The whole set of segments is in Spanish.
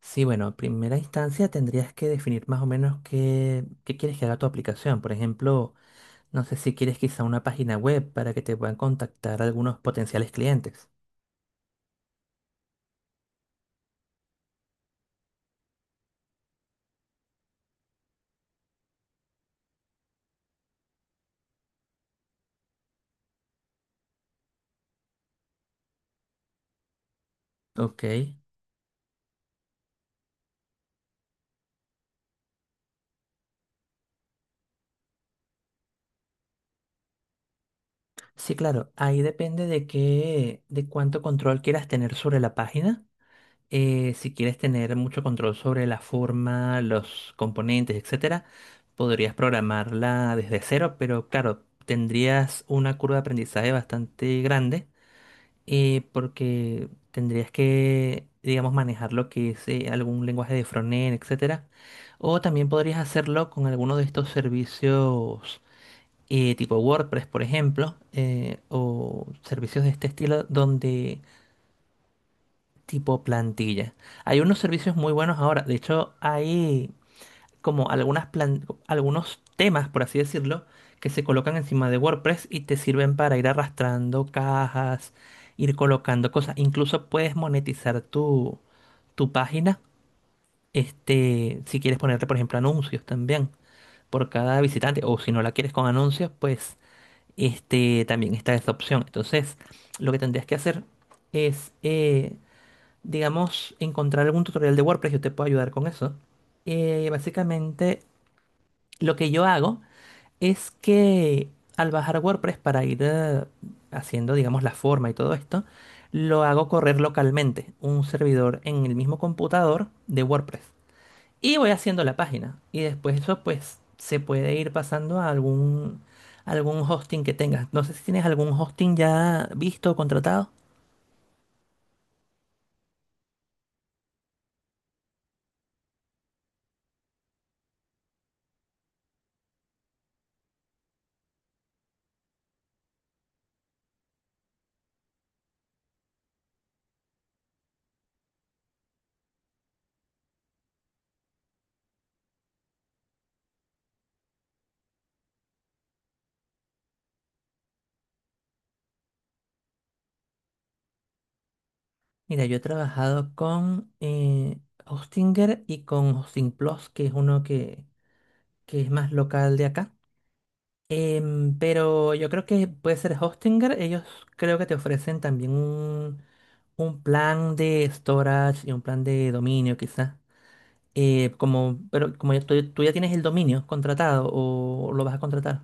Sí, bueno, en primera instancia tendrías que definir más o menos qué quieres que haga tu aplicación. Por ejemplo, no sé si quieres quizá una página web para que te puedan contactar algunos potenciales clientes. Ok. Sí, claro, ahí depende de qué, de cuánto control quieras tener sobre la página. Si quieres tener mucho control sobre la forma, los componentes, etcétera, podrías programarla desde cero, pero claro, tendrías una curva de aprendizaje bastante grande porque tendrías que, digamos, manejar lo que es algún lenguaje de frontend, etcétera. O también podrías hacerlo con alguno de estos servicios tipo WordPress, por ejemplo, o servicios de este estilo donde tipo plantilla. Hay unos servicios muy buenos ahora. De hecho, hay como algunos temas, por así decirlo, que se colocan encima de WordPress y te sirven para ir arrastrando cajas, ir colocando cosas. Incluso puedes monetizar tu página, este, si quieres ponerle, por ejemplo, anuncios también por cada visitante, o si no la quieres con anuncios, pues este, también está esa opción. Entonces, lo que tendrías que hacer es, digamos, encontrar algún tutorial de WordPress, yo te puedo ayudar con eso. Básicamente lo que yo hago es que al bajar WordPress para ir haciendo, digamos, la forma y todo esto, lo hago correr localmente, un servidor en el mismo computador de WordPress. Y voy haciendo la página. Y después eso, pues, se puede ir pasando a algún hosting que tengas. No sé si tienes algún hosting ya visto o contratado. Mira, yo he trabajado con Hostinger y con Hosting Plus, que es uno que es más local de acá. Em, pero yo creo que puede ser Hostinger. Ellos creo que te ofrecen también un plan de storage y un plan de dominio, quizás. Como, pero tú, tú ya tienes el dominio contratado o lo vas a contratar.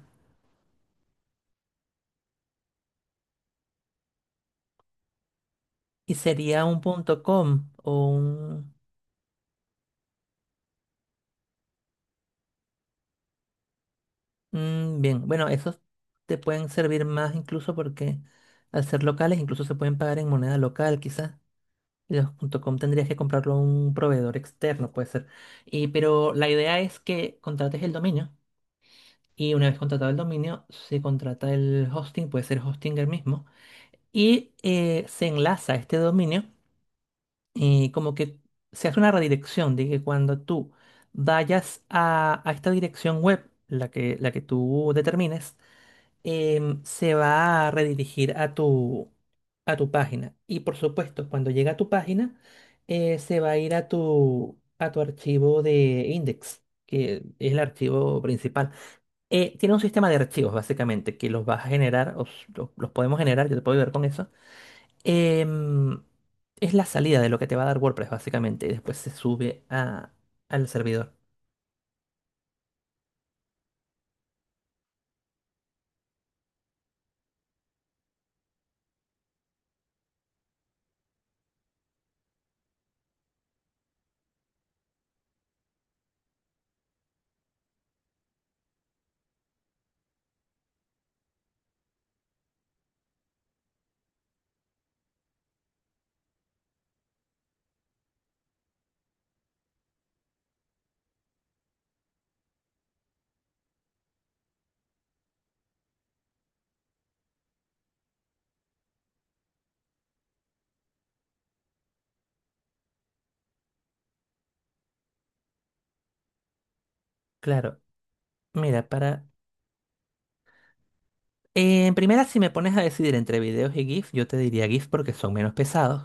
¿Y sería un punto .com o un...? Mm, bien, bueno, esos te pueden servir más incluso porque al ser locales incluso se pueden pagar en moneda local, quizás. Los punto .com tendrías que comprarlo a un proveedor externo, puede ser. Y, pero la idea es que contrates el dominio y una vez contratado el dominio se contrata el hosting, puede ser Hostinger mismo, y se enlaza este dominio y como que se hace una redirección de que cuando tú vayas a esta dirección web, la que tú determines, em, se va a redirigir a a tu página. Y por supuesto, cuando llega a tu página, se va a ir a a tu archivo de index, que es el archivo principal. Tiene un sistema de archivos, básicamente, que los vas a generar, o s- lo- los, podemos generar, yo te puedo ayudar con eso. Em, es la salida de lo que te va a dar WordPress, básicamente, y después se sube al servidor. Claro, mira, para en primera, si me pones a decidir entre videos y GIF, yo te diría GIF porque son menos pesados.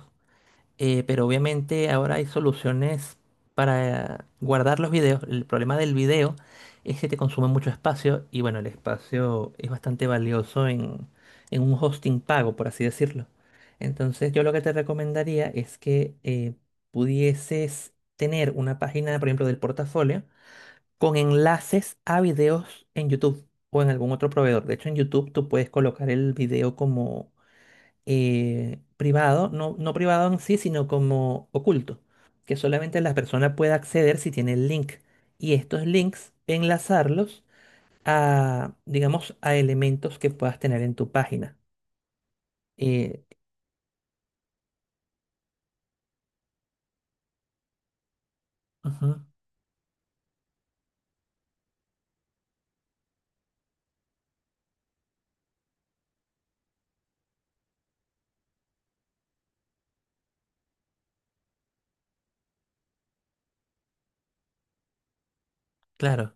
Pero obviamente ahora hay soluciones para guardar los videos. El problema del video es que te consume mucho espacio y bueno, el espacio es bastante valioso en un hosting pago, por así decirlo. Entonces yo lo que te recomendaría es que pudieses tener una página, por ejemplo, del portafolio con enlaces a videos en YouTube o en algún otro proveedor. De hecho, en YouTube tú puedes colocar el video como privado, no, no privado en sí, sino como oculto, que solamente la persona puede acceder si tiene el link. Y estos links, enlazarlos a, digamos, a elementos que puedas tener en tu página. Eh, ujú, claro.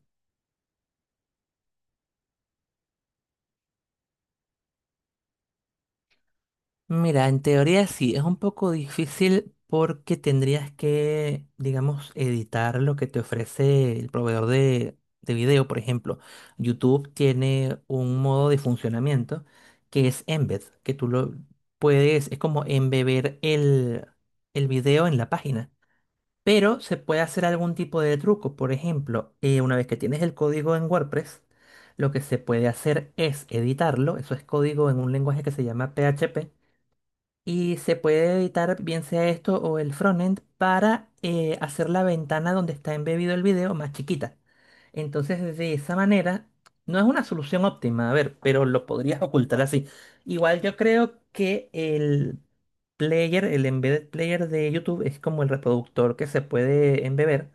Mira, en teoría sí, es un poco difícil porque tendrías que, digamos, editar lo que te ofrece el proveedor de video. Por ejemplo, YouTube tiene un modo de funcionamiento que es embed, que tú lo puedes, es como embeber el video en la página. Pero se puede hacer algún tipo de truco. Por ejemplo, una vez que tienes el código en WordPress, lo que se puede hacer es editarlo. Eso es código en un lenguaje que se llama PHP y se puede editar bien sea esto o el frontend para hacer la ventana donde está embebido el video más chiquita. Entonces, de esa manera, no es una solución óptima, a ver, pero lo podrías ocultar así. Igual yo creo que el player, el embedded player de YouTube es como el reproductor que se puede embeber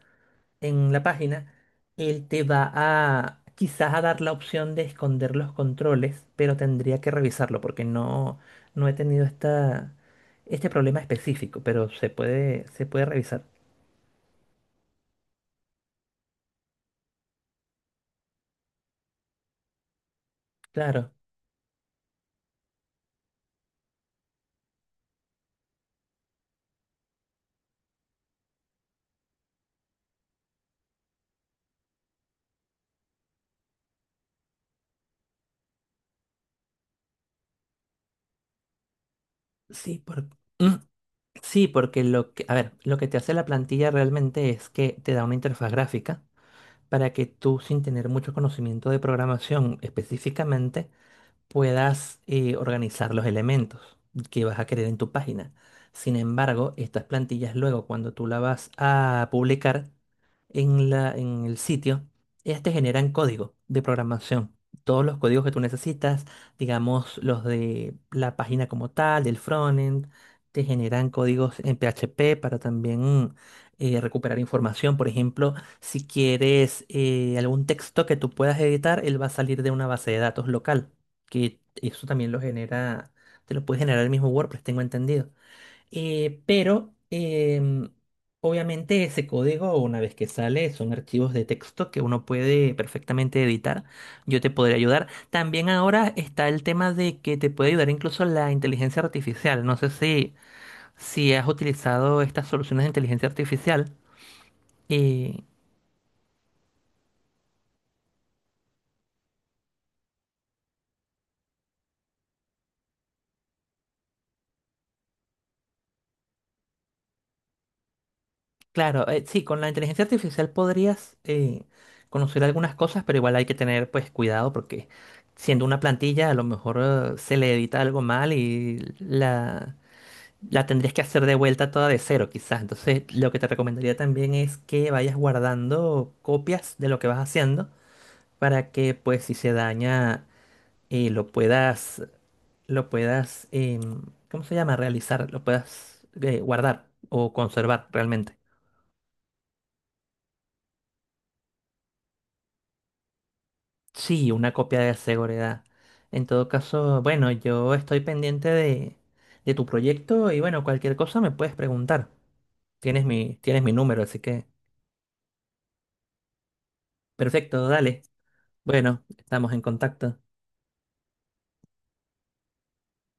en la página, él te va a quizás a dar la opción de esconder los controles, pero tendría que revisarlo porque no he tenido este problema específico, pero se puede revisar. Claro, sí, por- Mm, sí, porque a ver, lo que te hace la plantilla realmente es que te da una interfaz gráfica para que tú, sin tener mucho conocimiento de programación específicamente, puedas organizar los elementos que vas a querer en tu página. Sin embargo, estas plantillas luego cuando tú las vas a publicar en en el sitio, ellas te generan código de programación. Todos los códigos que tú necesitas, digamos los de la página como tal, del frontend, te generan códigos en PHP para también recuperar información. Por ejemplo, si quieres algún texto que tú puedas editar, él va a salir de una base de datos local que eso también lo genera, te lo puede generar el mismo WordPress, tengo entendido. Pero obviamente ese código, una vez que sale, son archivos de texto que uno puede perfectamente editar. Yo te podría ayudar. También ahora está el tema de que te puede ayudar incluso la inteligencia artificial. No sé si has utilizado estas soluciones de inteligencia artificial. eh, Claro, sí, con la inteligencia artificial podrías conocer algunas cosas, pero igual hay que tener pues cuidado porque siendo una plantilla a lo mejor se le edita algo mal y la tendrías que hacer de vuelta toda de cero quizás. Entonces lo que te recomendaría también es que vayas guardando copias de lo que vas haciendo para que pues si se daña eh, lo puedas, lo puedas, em, ¿cómo se llama? Realizar, lo puedas guardar o conservar realmente. Sí, una copia de seguridad. En todo caso, bueno, yo estoy pendiente de tu proyecto y bueno, cualquier cosa me puedes preguntar. Tienes mi número, así que perfecto, dale. Bueno, estamos en contacto.